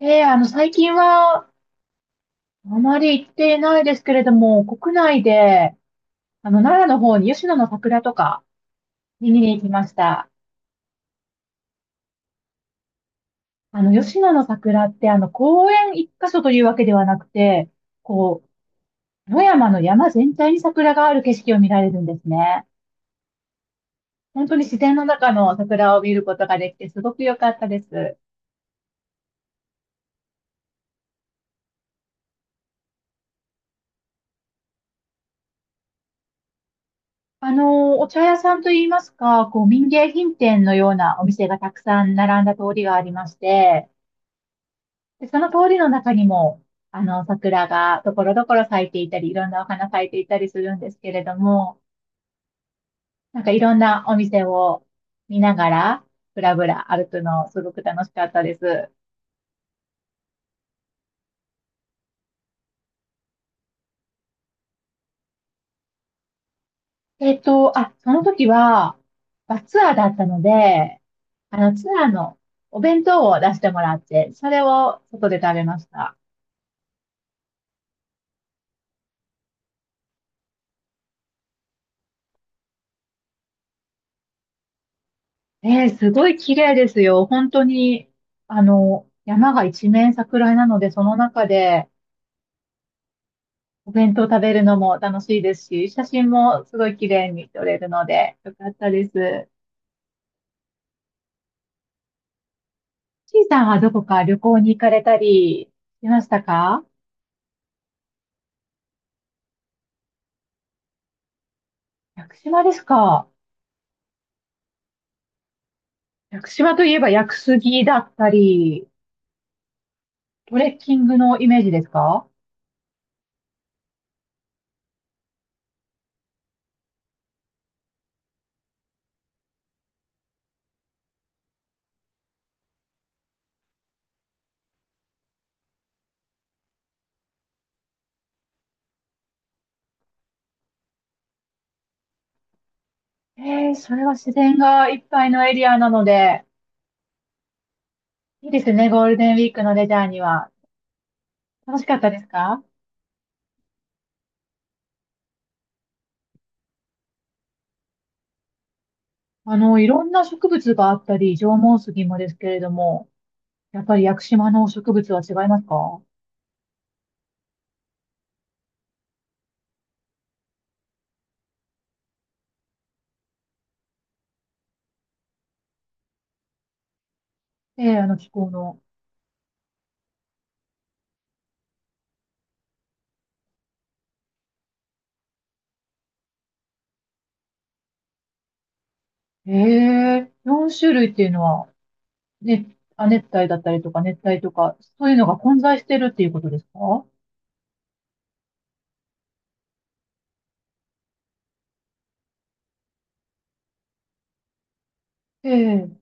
ええ、最近は、あまり行っていないですけれども、国内で、奈良の方に吉野の桜とか見に行きました。吉野の桜って、公園一箇所というわけではなくて、こ野山の山全体に桜がある景色を見られるんですね。本当に自然の中の桜を見ることができて、すごく良かったです。お茶屋さんといいますか、民芸品店のようなお店がたくさん並んだ通りがありまして、で、その通りの中にも、桜がところどころ咲いていたり、いろんなお花咲いていたりするんですけれども、なんかいろんなお店を見ながら、ぶらぶら歩くの、すごく楽しかったです。あ、その時は、バスツアーだったので、ツアーのお弁当を出してもらって、それを外で食べました。すごい綺麗ですよ。本当に、山が一面桜なので、その中で、お弁当食べるのも楽しいですし、写真もすごい綺麗に撮れるので、よかったです。ちいさんはどこか旅行に行かれたりしましたか？屋久島ですか？屋久島といえば屋久杉だったり、トレッキングのイメージですか？それは自然がいっぱいのエリアなので、いいですね、ゴールデンウィークのレジャーには。楽しかったですか？いろんな植物があったり、縄文杉もですけれども、やっぱり屋久島の植物は違いますか？ええ、あの気候の。ええ、4種類っていうのは、ね、亜熱帯だったりとか熱帯とか、そういうのが混在してるっていうことですか？ええ、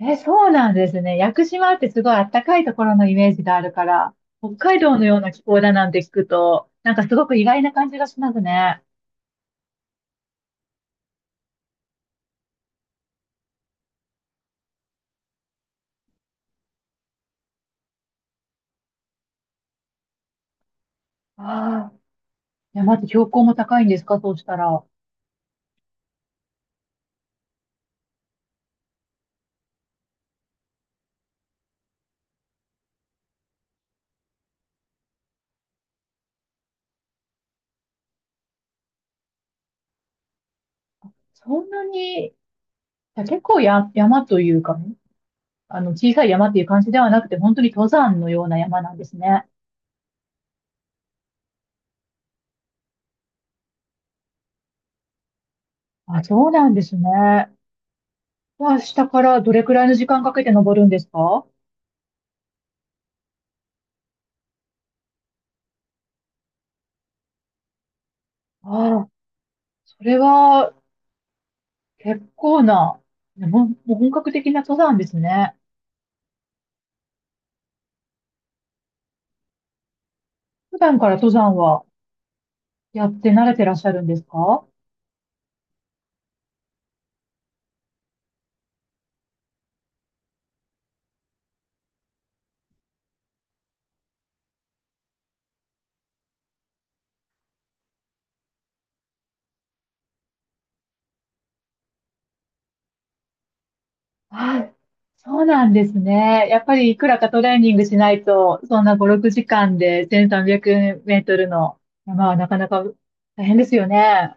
え、そうなんですね。屋久島ってすごいあったかいところのイメージがあるから、北海道のような気候だなんて聞くと、なんかすごく意外な感じがしますね。ああ、山って標高も高いんですか、そうしたら？そんなに、いや結構や、山というかね、小さい山っていう感じではなくて、本当に登山のような山なんですね。あ、そうなんですね。まあ、下からどれくらいの時間かけて登るんですか？ああ、それは結構な、ねもう、もう本格的な登山ですね。普段から登山はやって慣れてらっしゃるんですか？ああ、そうなんですね。やっぱりいくらかトレーニングしないと、そんな5、6時間で1300メートルの山はなかなか大変ですよね。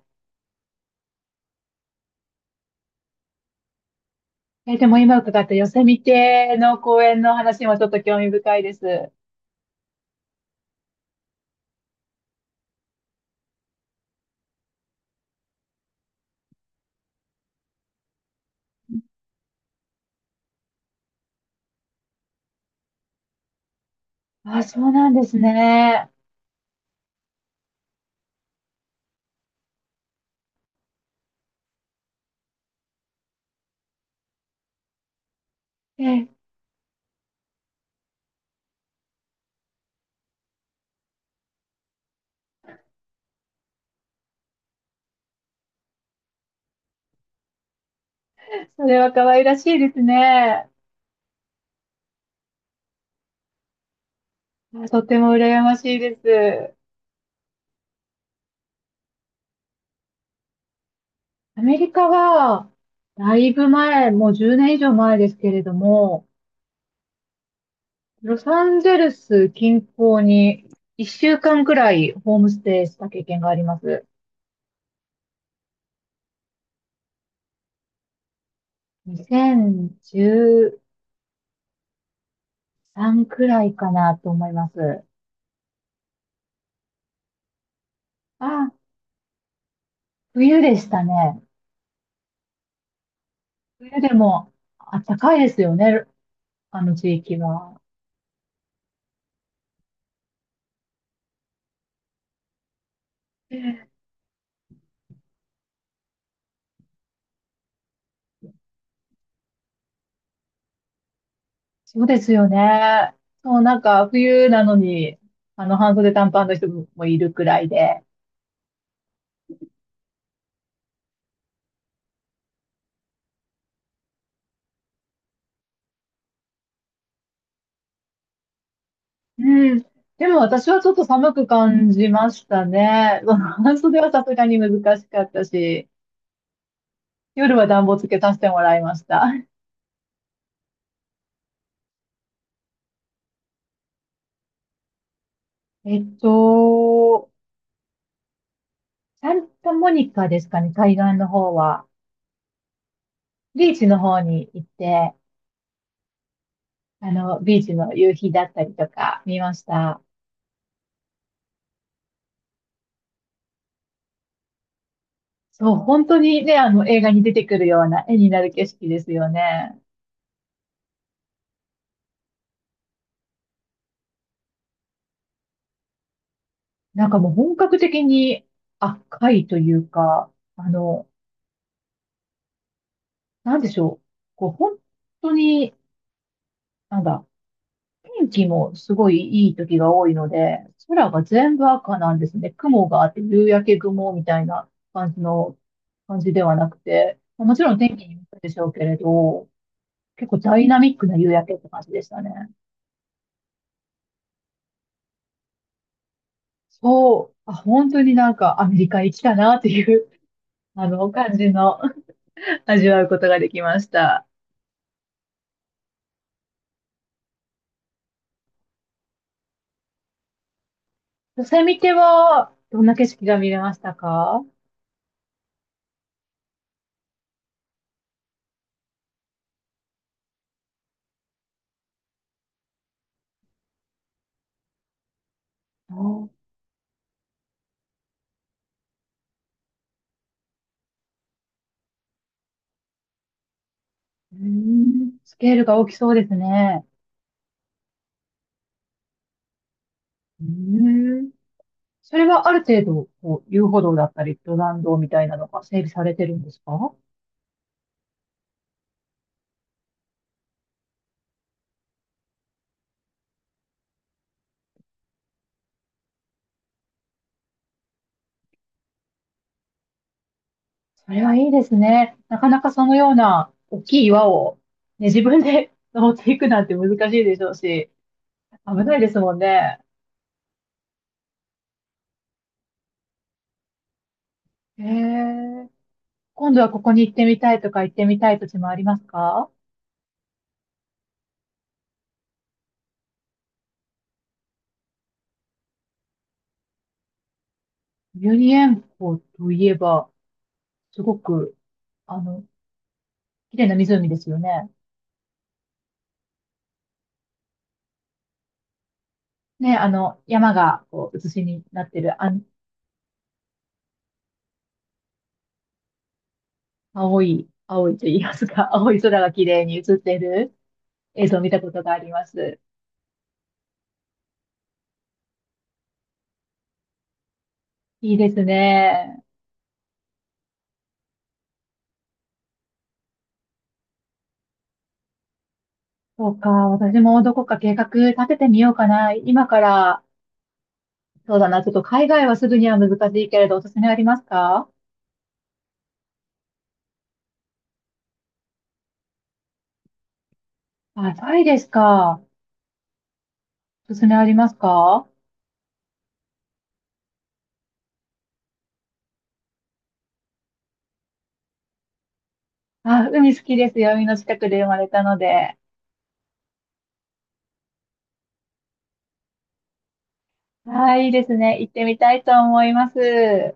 え、でも今伺ったヨセミテの公園の話もちょっと興味深いです。あ、そうなんですね。え、それは可愛らしいですね。あとても羨ましいです。アメリカは、だいぶ前、もう10年以上前ですけれども、ロサンゼルス近郊に1週間くらいホームステイした経験があります。2013くらいかなと思います。あ、冬でしたね。冬でもあったかいですよね、あの地域は。そうですよね。そう、なんか冬なのに、あの半袖短パンの人もいるくらいで。うん。でも私はちょっと寒く感じましたね。うん 半袖はさすがに難しかったし、夜は暖房つけさせてもらいました。えっと、サンタモニカですかね、海岸の方は。ビーチの方に行って、ビーチの夕日だったりとか見ました。そう、本当にね、映画に出てくるような絵になる景色ですよね。なんかもう本格的に赤いというか、あの、なんでしょう。本当に、なんだ、天気もすごいいい時が多いので、空が全部赤なんですね。雲があって、夕焼け雲みたいな感じの、感じではなくて、まあもちろん天気によるでしょうけれど、結構ダイナミックな夕焼けって感じでしたね。そう、あ、本当になんかアメリカ行きたなっていう、感じの 味わうことができました。ヨセミテは、どんな景色が見れましたか？あー、うーん、スケールが大きそうですね。うーん、それはある程度、遊歩道だったり、登山道みたいなのが整備されてるんですか？それはいいですね。なかなかそのような大きい岩を、ね、自分で 登っていくなんて難しいでしょうし、危ないですもんね。へえ。今度はここに行ってみたいとか行ってみたい土地もありますか？ユニエンコといえば、すごく、あの、綺麗な湖ですよね。ね、山が、写しになってる、青い、青いと言いますか、青い空が綺麗に写ってる映像を見たことがあります。いいですね。そうか、私もどこか計画立ててみようかな。今から、そうだな、ちょっと海外はすぐには難しいけれど、おすすめありますか？あ、タイですか。おすすめありますか？あ、海好きですよ。海の近くで生まれたので。はい、いいですね。行ってみたいと思います。